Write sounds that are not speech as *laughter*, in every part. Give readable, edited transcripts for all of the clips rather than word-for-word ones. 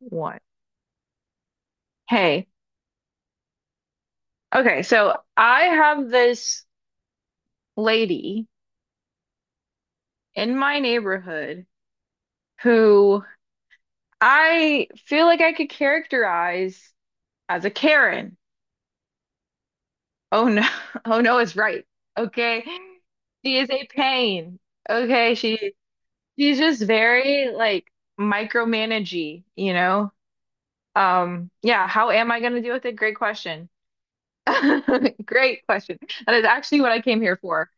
What? Hey, okay, so I have this lady in my neighborhood who I feel like I could characterize as a Karen. Oh no, *laughs* oh no, it's right. Okay. She is a pain. Okay, she's just very like micromanagey. Yeah, how am I gonna deal with it? Great question. *laughs* Great question. That is actually what I came here for.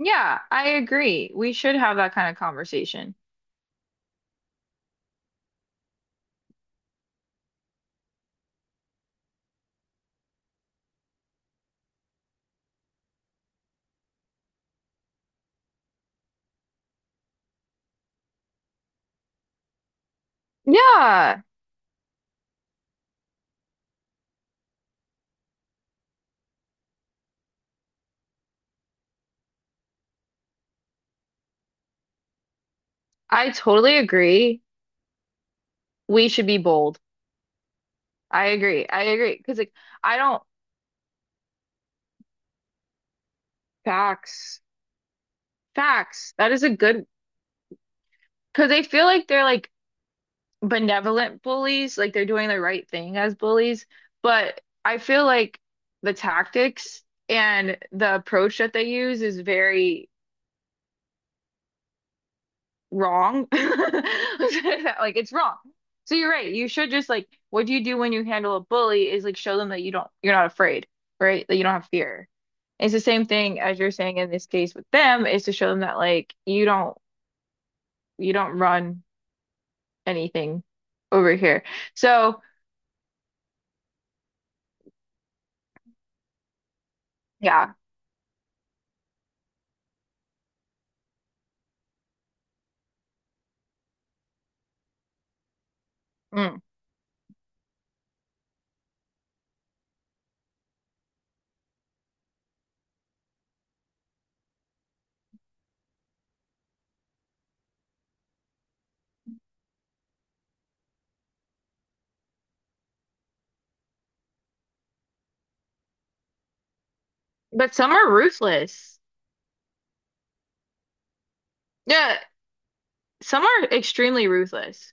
Yeah, I agree. We should have that kind of conversation. Yeah, I totally agree. We should be bold. I agree. I agree. Because, like, I don't, facts, facts. That is a good, because they feel like they're like benevolent bullies, like they're doing the right thing as bullies. But I feel like the tactics and the approach that they use is very wrong. *laughs* Like it's wrong. So you're right. You should just like what do you do when you handle a bully is like show them that you're not afraid, right? That you don't have fear. It's the same thing as you're saying in this case with them is to show them that like you don't run anything over here. So yeah. Mm. But some are ruthless. Yeah, some are extremely ruthless.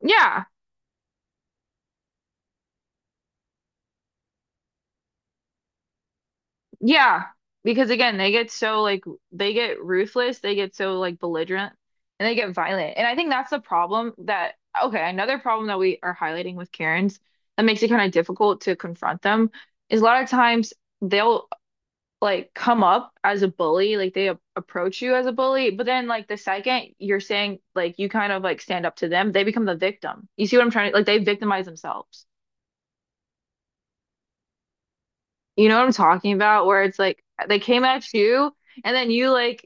Yeah. Yeah, because again, they get so like they get ruthless, they get so like belligerent, and they get violent. And I think that's the problem that okay, another problem that we are highlighting with Karens that makes it kind of difficult to confront them is a lot of times they'll like come up as a bully, like they a approach you as a bully, but then like the second you're saying like you kind of like stand up to them, they become the victim. You see what I'm trying to like they victimize themselves. You know what I'm talking about? Where it's like they came at you and then you like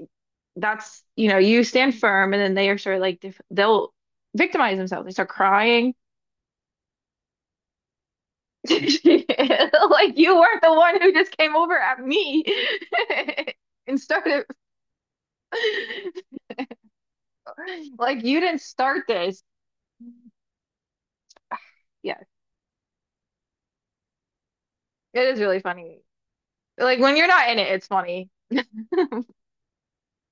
that's, you know, you stand firm, and then they are sort of like def they'll victimize themselves. They start crying. *laughs* Like you weren't the one who just came over at me *laughs* and started. *laughs* Like you didn't start this. Yeah, it is really funny. Like when you're not in it, it's funny.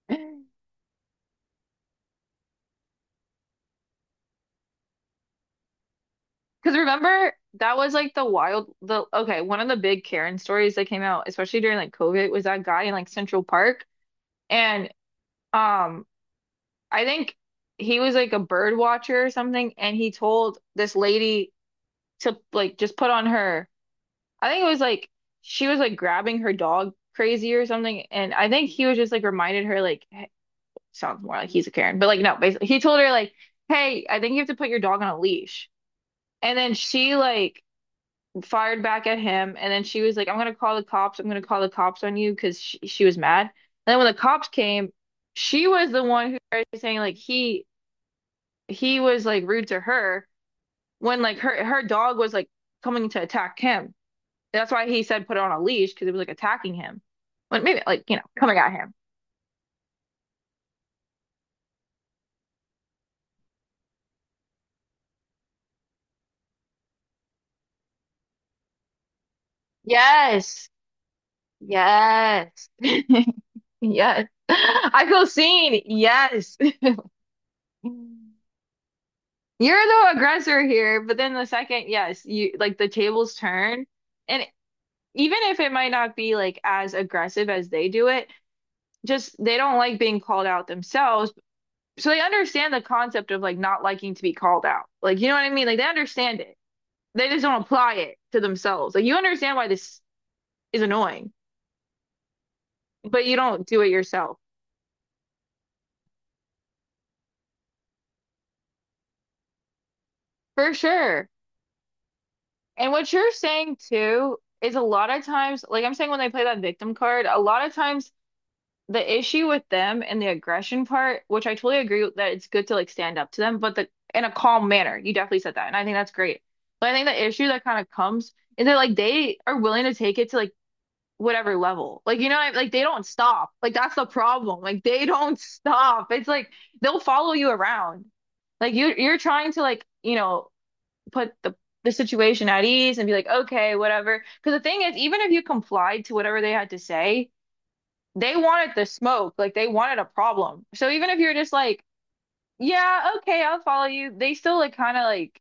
Because remember, that was like the wild, the okay, one of the big Karen stories that came out, especially during like COVID, was that guy in like Central Park. And um I think he was like a bird watcher or something, and he told this lady to like just put on her. I think it was like she was like grabbing her dog crazy or something, and I think he was just like reminded her like hey, sounds more like he's a Karen, but like no, basically he told her like, hey, I think you have to put your dog on a leash, and then she like fired back at him, and then she was like, I'm gonna call the cops, I'm gonna call the cops on you because she was mad, and then when the cops came. She was the one who started saying like he was like rude to her when like her dog was like coming to attack him. That's why he said put it on a leash because it was like attacking him. But maybe like, you know, coming at him. Yes. Yes. *laughs* Yes. I feel seen. Yes. *laughs* You're the aggressor here, but then the second, yes, you like the tables turn. And even if it might not be like as aggressive as they do it, just they don't like being called out themselves. So they understand the concept of like not liking to be called out. Like, you know what I mean? Like they understand it. They just don't apply it to themselves. Like you understand why this is annoying, but you don't do it yourself. For sure. And what you're saying too is a lot of times, like I'm saying when they play that victim card, a lot of times the issue with them and the aggression part, which I totally agree with, that it's good to like stand up to them, but the in a calm manner. You definitely said that. And I think that's great. But I think the issue that kind of comes is that like they are willing to take it to like whatever level. Like, you know, like they don't stop. Like that's the problem. Like they don't *laughs* stop. It's like they'll follow you around. Like you're trying to like, you know, put the situation at ease and be like, okay, whatever. Because the thing is, even if you complied to whatever they had to say, they wanted the smoke. Like they wanted a problem. So even if you're just like, yeah, okay, I'll follow you, they still like kind of like,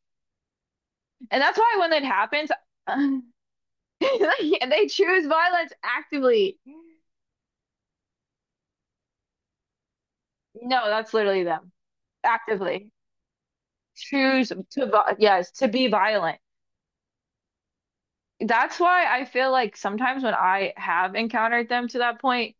and that's why when that happens, *laughs* they choose violence actively. No, that's literally them. Actively choose to, yes, to be violent. That's why I feel like sometimes when I have encountered them to that point,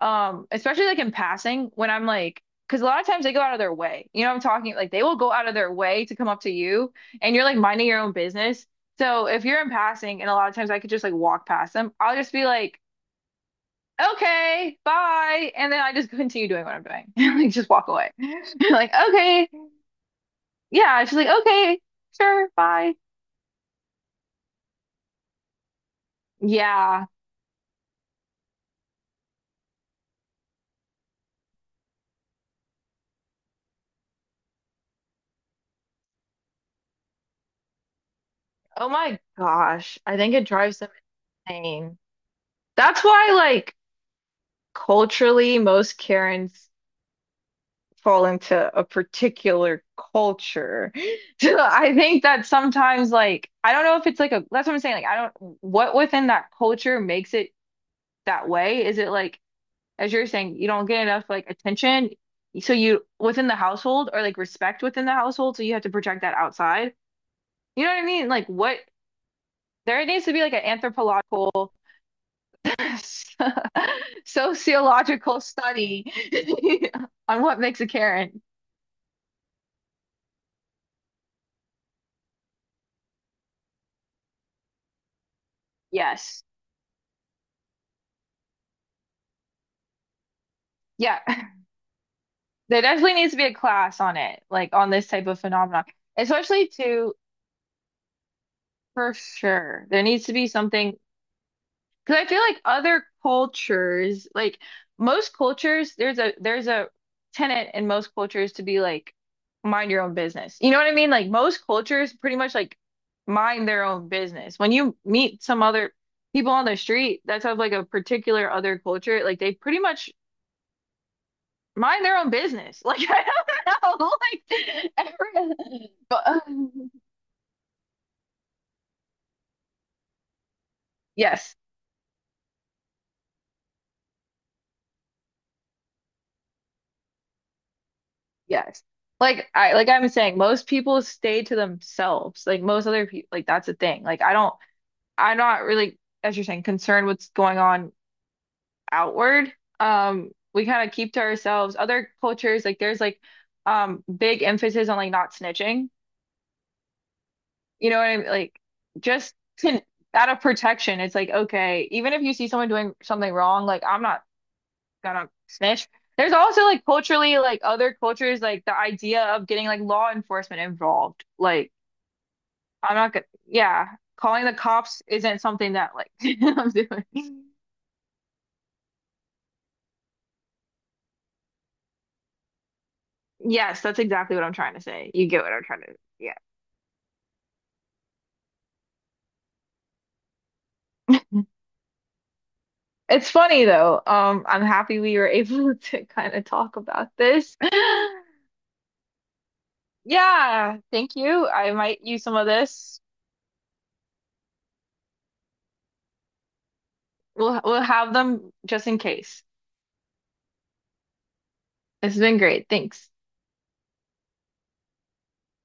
especially like in passing, when I'm like, because a lot of times they go out of their way. You know what I'm talking? Like they will go out of their way to come up to you and you're like minding your own business. So if you're in passing, and a lot of times I could just like walk past them, I'll just be like, okay, bye. And then I just continue doing what I'm doing. *laughs* Like just walk away. *laughs* Like, okay. Yeah, she's like, okay, sure, bye. Yeah. Oh my gosh. I think it drives them insane. That's why, like, culturally, most Karens fall into a particular culture. *laughs* So I think that sometimes, like, I don't know if it's like a, that's what I'm saying. Like, I don't, what within that culture makes it that way? Is it like, as you're saying, you don't get enough, like, attention? So you, within the household, or like respect within the household, so you have to project that outside? You know what I mean? Like what there needs to be like an anthropological, *laughs* sociological study *laughs* on what makes a Karen. Yes. Yeah. There definitely needs to be a class on it, like on this type of phenomenon. Especially to, for sure, there needs to be something because I feel like other cultures, like most cultures, there's a tenet in most cultures to be like mind your own business. You know what I mean? Like most cultures pretty much like mind their own business. When you meet some other people on the street that's of like a particular other culture, like they pretty much mind their own business. *laughs* Like I don't know, *laughs* like every, but yes. Yes. Like I like I'm saying, most people stay to themselves. Like most other people, like that's a thing. Like I don't, I'm not really, as you're saying, concerned what's going on outward. We kind of keep to ourselves. Other cultures, like there's like big emphasis on like not snitching. You know what I mean? Like just to, out of protection, it's like okay, even if you see someone doing something wrong, like I don't snitch. There's also like culturally, like other cultures, like the idea of getting like law enforcement involved. Like I'm not gonna, yeah, calling the cops isn't something that like *laughs* I'm doing. Yes, that's exactly what I'm trying to say. You get what I'm trying to, yeah. It's funny though. I'm happy we were able *laughs* to kind of talk about this. *laughs* Yeah, thank you. I might use some of this. We'll have them just in case. This has been great. Thanks.